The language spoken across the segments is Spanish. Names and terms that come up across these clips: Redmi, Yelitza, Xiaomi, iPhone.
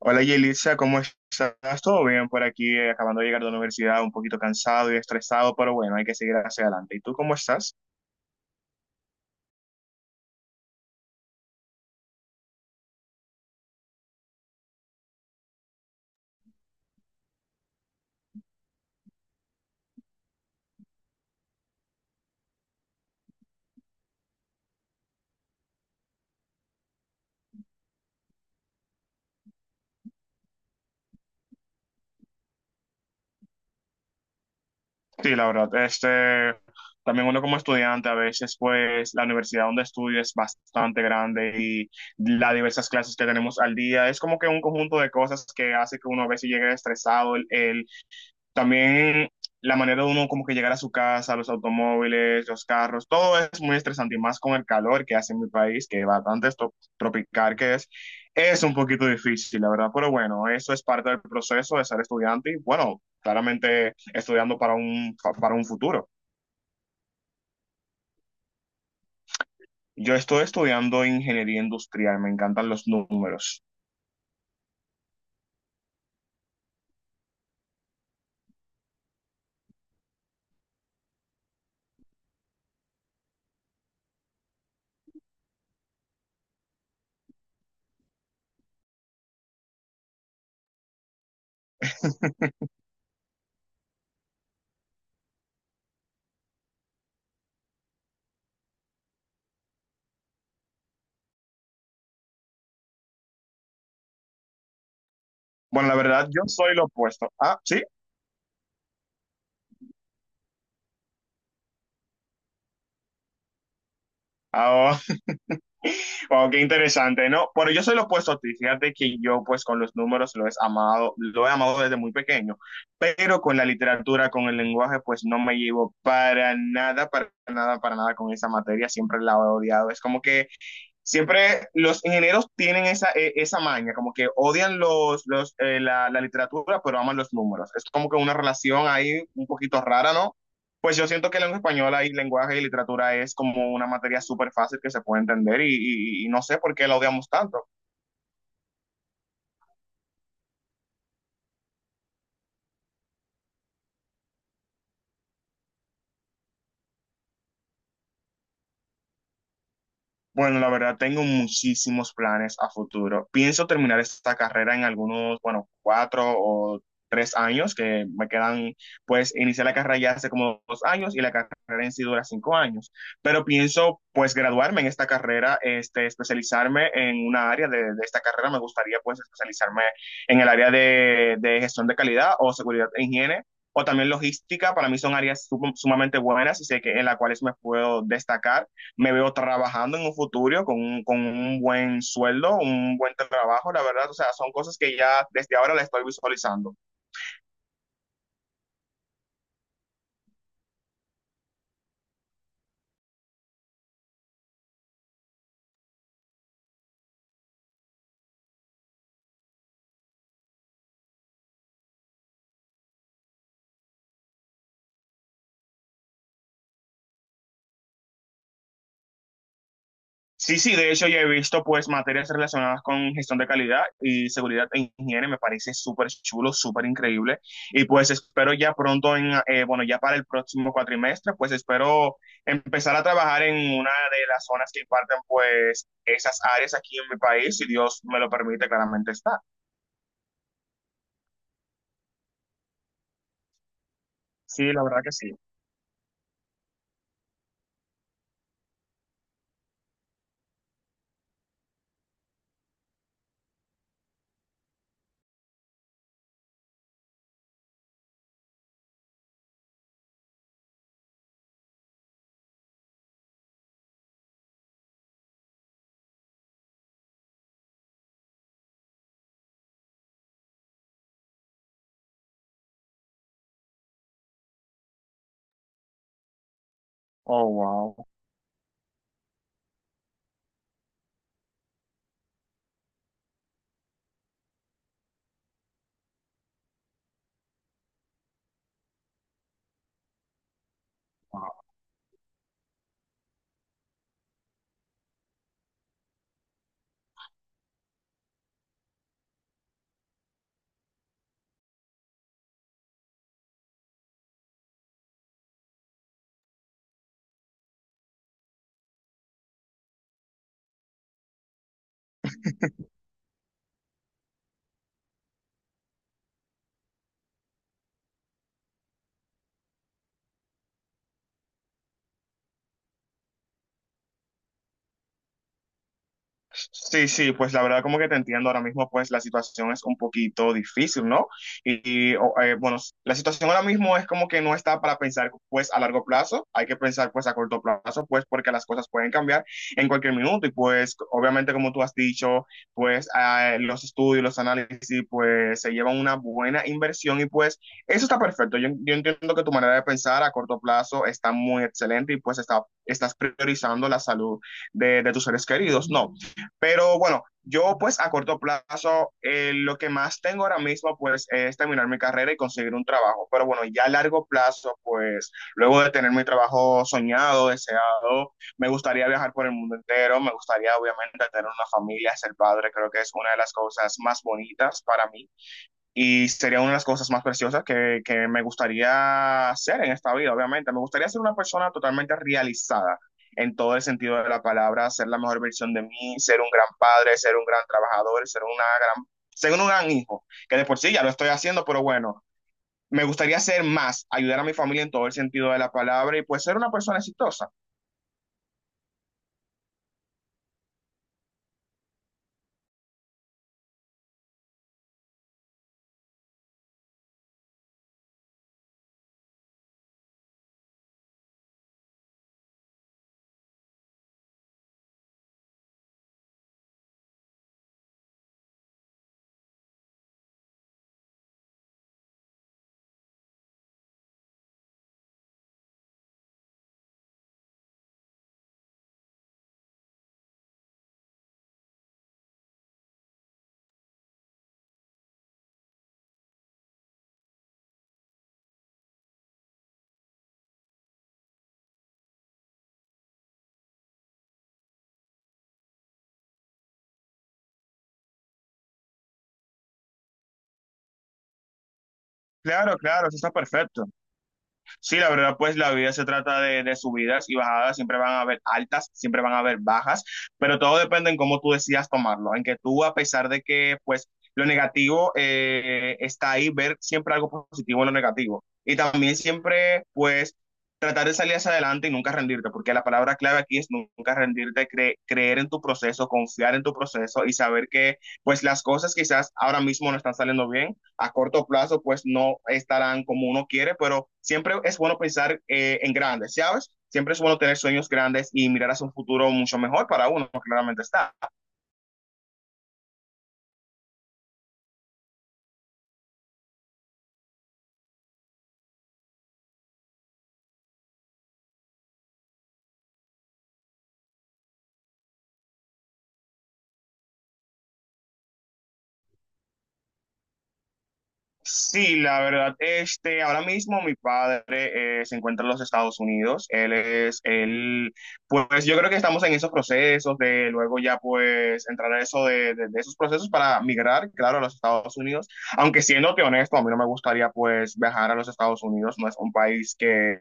Hola Yelitza, ¿cómo estás? ¿Todo bien por aquí? Acabando de llegar de la universidad, un poquito cansado y estresado, pero bueno, hay que seguir hacia adelante. ¿Y tú cómo estás? Sí, la verdad, este, también uno como estudiante a veces, pues la universidad donde estudio es bastante grande y las diversas clases que tenemos al día es como que un conjunto de cosas que hace que uno a veces llegue estresado, el, también la manera de uno como que llegar a su casa, los automóviles, los carros, todo es muy estresante y más con el calor que hace en mi país, que bastante es tropical que es un poquito difícil, la verdad, pero bueno, eso es parte del proceso de ser estudiante y bueno, claramente estudiando para para un futuro. Yo estoy estudiando ingeniería industrial, me encantan los números. Bueno, la verdad, yo soy lo opuesto. Ah, sí. Ah, wow, qué interesante, ¿no? Bueno, yo soy lo opuesto a ti. Fíjate que yo, pues, con los números lo he amado desde muy pequeño, pero con la literatura, con el lenguaje, pues, no me llevo para nada, para nada, para nada con esa materia. Siempre la he odiado. Es como que siempre los ingenieros tienen esa, esa maña, como que odian literatura, pero aman los números. Es como que una relación ahí un poquito rara, ¿no? Pues yo siento que lengua española y lenguaje y literatura es como una materia súper fácil que se puede entender y no sé por qué la odiamos tanto. Bueno, la verdad tengo muchísimos planes a futuro. Pienso terminar esta carrera en algunos, bueno, cuatro o tres años que me quedan, pues inicié la carrera ya hace como dos años y la carrera en sí dura cinco años. Pero pienso, pues, graduarme en esta carrera, este, especializarme en una área de esta carrera. Me gustaría, pues, especializarme en el área de gestión de calidad o seguridad e higiene. O también logística, para mí son áreas sumamente buenas y sé que en las cuales me puedo destacar. Me veo trabajando en un futuro con con un buen sueldo, un buen trabajo, la verdad, o sea, son cosas que ya desde ahora la estoy visualizando. Sí, sí, de hecho ya he visto pues materias relacionadas con gestión de calidad y seguridad en higiene, me parece súper chulo, súper increíble y pues espero ya pronto, bueno, ya para el próximo cuatrimestre, pues espero empezar a trabajar en una de las zonas que imparten pues esas áreas aquí en mi país, si Dios me lo permite, claramente está. Sí, la verdad que sí. Oh, wow. Wow. Sí, sí, pues la verdad como que te entiendo ahora mismo, pues la situación es un poquito difícil, ¿no? Bueno, la situación ahora mismo es como que no está para pensar pues a largo plazo, hay que pensar pues a corto plazo, pues porque las cosas pueden cambiar en cualquier minuto y pues obviamente como tú has dicho, pues los estudios, los análisis, pues se llevan una buena inversión y pues eso está perfecto. Yo entiendo que tu manera de pensar a corto plazo está muy excelente y pues está, estás priorizando la salud de tus seres queridos, ¿no? Pero bueno, yo pues a corto plazo lo que más tengo ahora mismo pues es terminar mi carrera y conseguir un trabajo. Pero bueno, ya a largo plazo pues luego de tener mi trabajo soñado, deseado, me gustaría viajar por el mundo entero, me gustaría obviamente tener una familia, ser padre, creo que es una de las cosas más bonitas para mí. Y sería una de las cosas más preciosas que me gustaría ser en esta vida, obviamente. Me gustaría ser una persona totalmente realizada en todo el sentido de la palabra, ser la mejor versión de mí, ser un gran padre, ser un gran trabajador, gran, ser un gran hijo, que de por sí ya lo estoy haciendo, pero bueno, me gustaría ser más, ayudar a mi familia en todo el sentido de la palabra y pues ser una persona exitosa. Claro, claro, eso está perfecto. Sí, la verdad, pues la vida se trata de subidas y bajadas, siempre van a haber altas, siempre van a haber bajas, pero todo depende en cómo tú decidas tomarlo, en que tú, a pesar de que, pues, lo negativo está ahí, ver siempre algo positivo en lo negativo. Y también siempre, pues, tratar de salir hacia adelante y nunca rendirte, porque la palabra clave aquí es nunca rendirte, creer en tu proceso, confiar en tu proceso y saber que, pues, las cosas quizás ahora mismo no están saliendo bien, a corto plazo pues no estarán como uno quiere, pero siempre es bueno pensar en grandes, ¿sabes? Siempre es bueno tener sueños grandes y mirar hacia un futuro mucho mejor para uno, claramente está. Sí, la verdad, este, ahora mismo mi padre se encuentra en los Estados Unidos. Él, pues yo creo que estamos en esos procesos de luego ya pues entrar a eso de esos procesos para migrar, claro, a los Estados Unidos. Aunque siéndote honesto, a mí no me gustaría pues viajar a los Estados Unidos, no es un país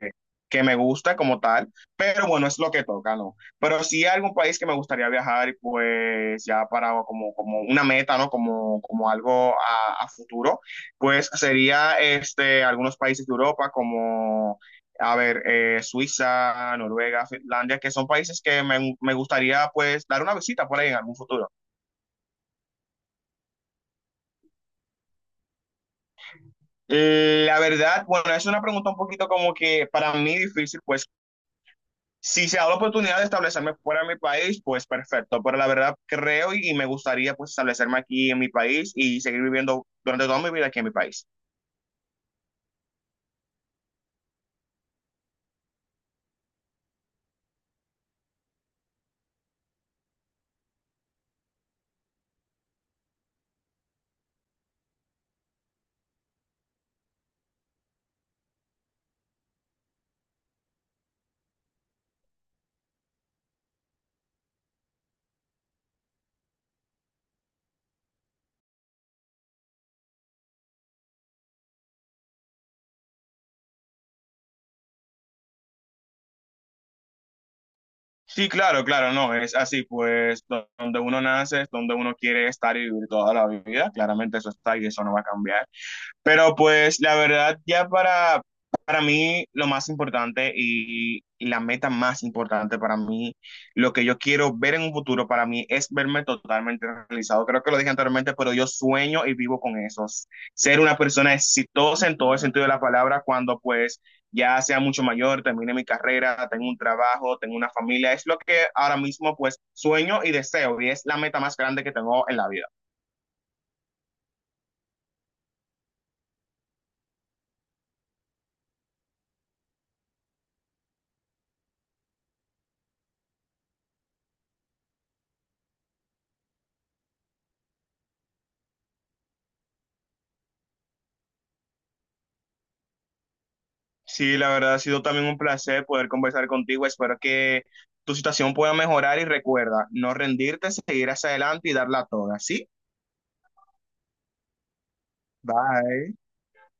que me gusta como tal, pero bueno, es lo que toca, ¿no? Pero sí hay algún país que me gustaría viajar y pues ya para como, como una meta, ¿no? Como, como algo a futuro. Pues sería este, algunos países de Europa como, a ver, Suiza, Noruega, Finlandia, que son países que me gustaría pues dar una visita por ahí en algún futuro. La verdad, bueno, es una pregunta un poquito como que para mí difícil, pues si se da la oportunidad de establecerme fuera de mi país, pues perfecto, pero la verdad creo y me gustaría pues establecerme aquí en mi país y seguir viviendo durante toda mi vida aquí en mi país. Sí, claro, claro, no, es así, pues donde uno nace es donde uno quiere estar y vivir toda la vida, claramente eso está y eso no va a cambiar. Pero pues la verdad, ya para mí lo más importante y la meta más importante para mí, lo que yo quiero ver en un futuro para mí es verme totalmente realizado. Creo que lo dije anteriormente, pero yo sueño y vivo con eso. Ser una persona exitosa en todo el sentido de la palabra cuando pues ya sea mucho mayor, termine mi carrera, tengo un trabajo, tengo una familia. Es lo que ahora mismo pues sueño y deseo y es la meta más grande que tengo en la vida. Sí, la verdad ha sido también un placer poder conversar contigo. Espero que tu situación pueda mejorar y recuerda, no rendirte, seguir hacia adelante y darla toda. ¿Sí? Bye.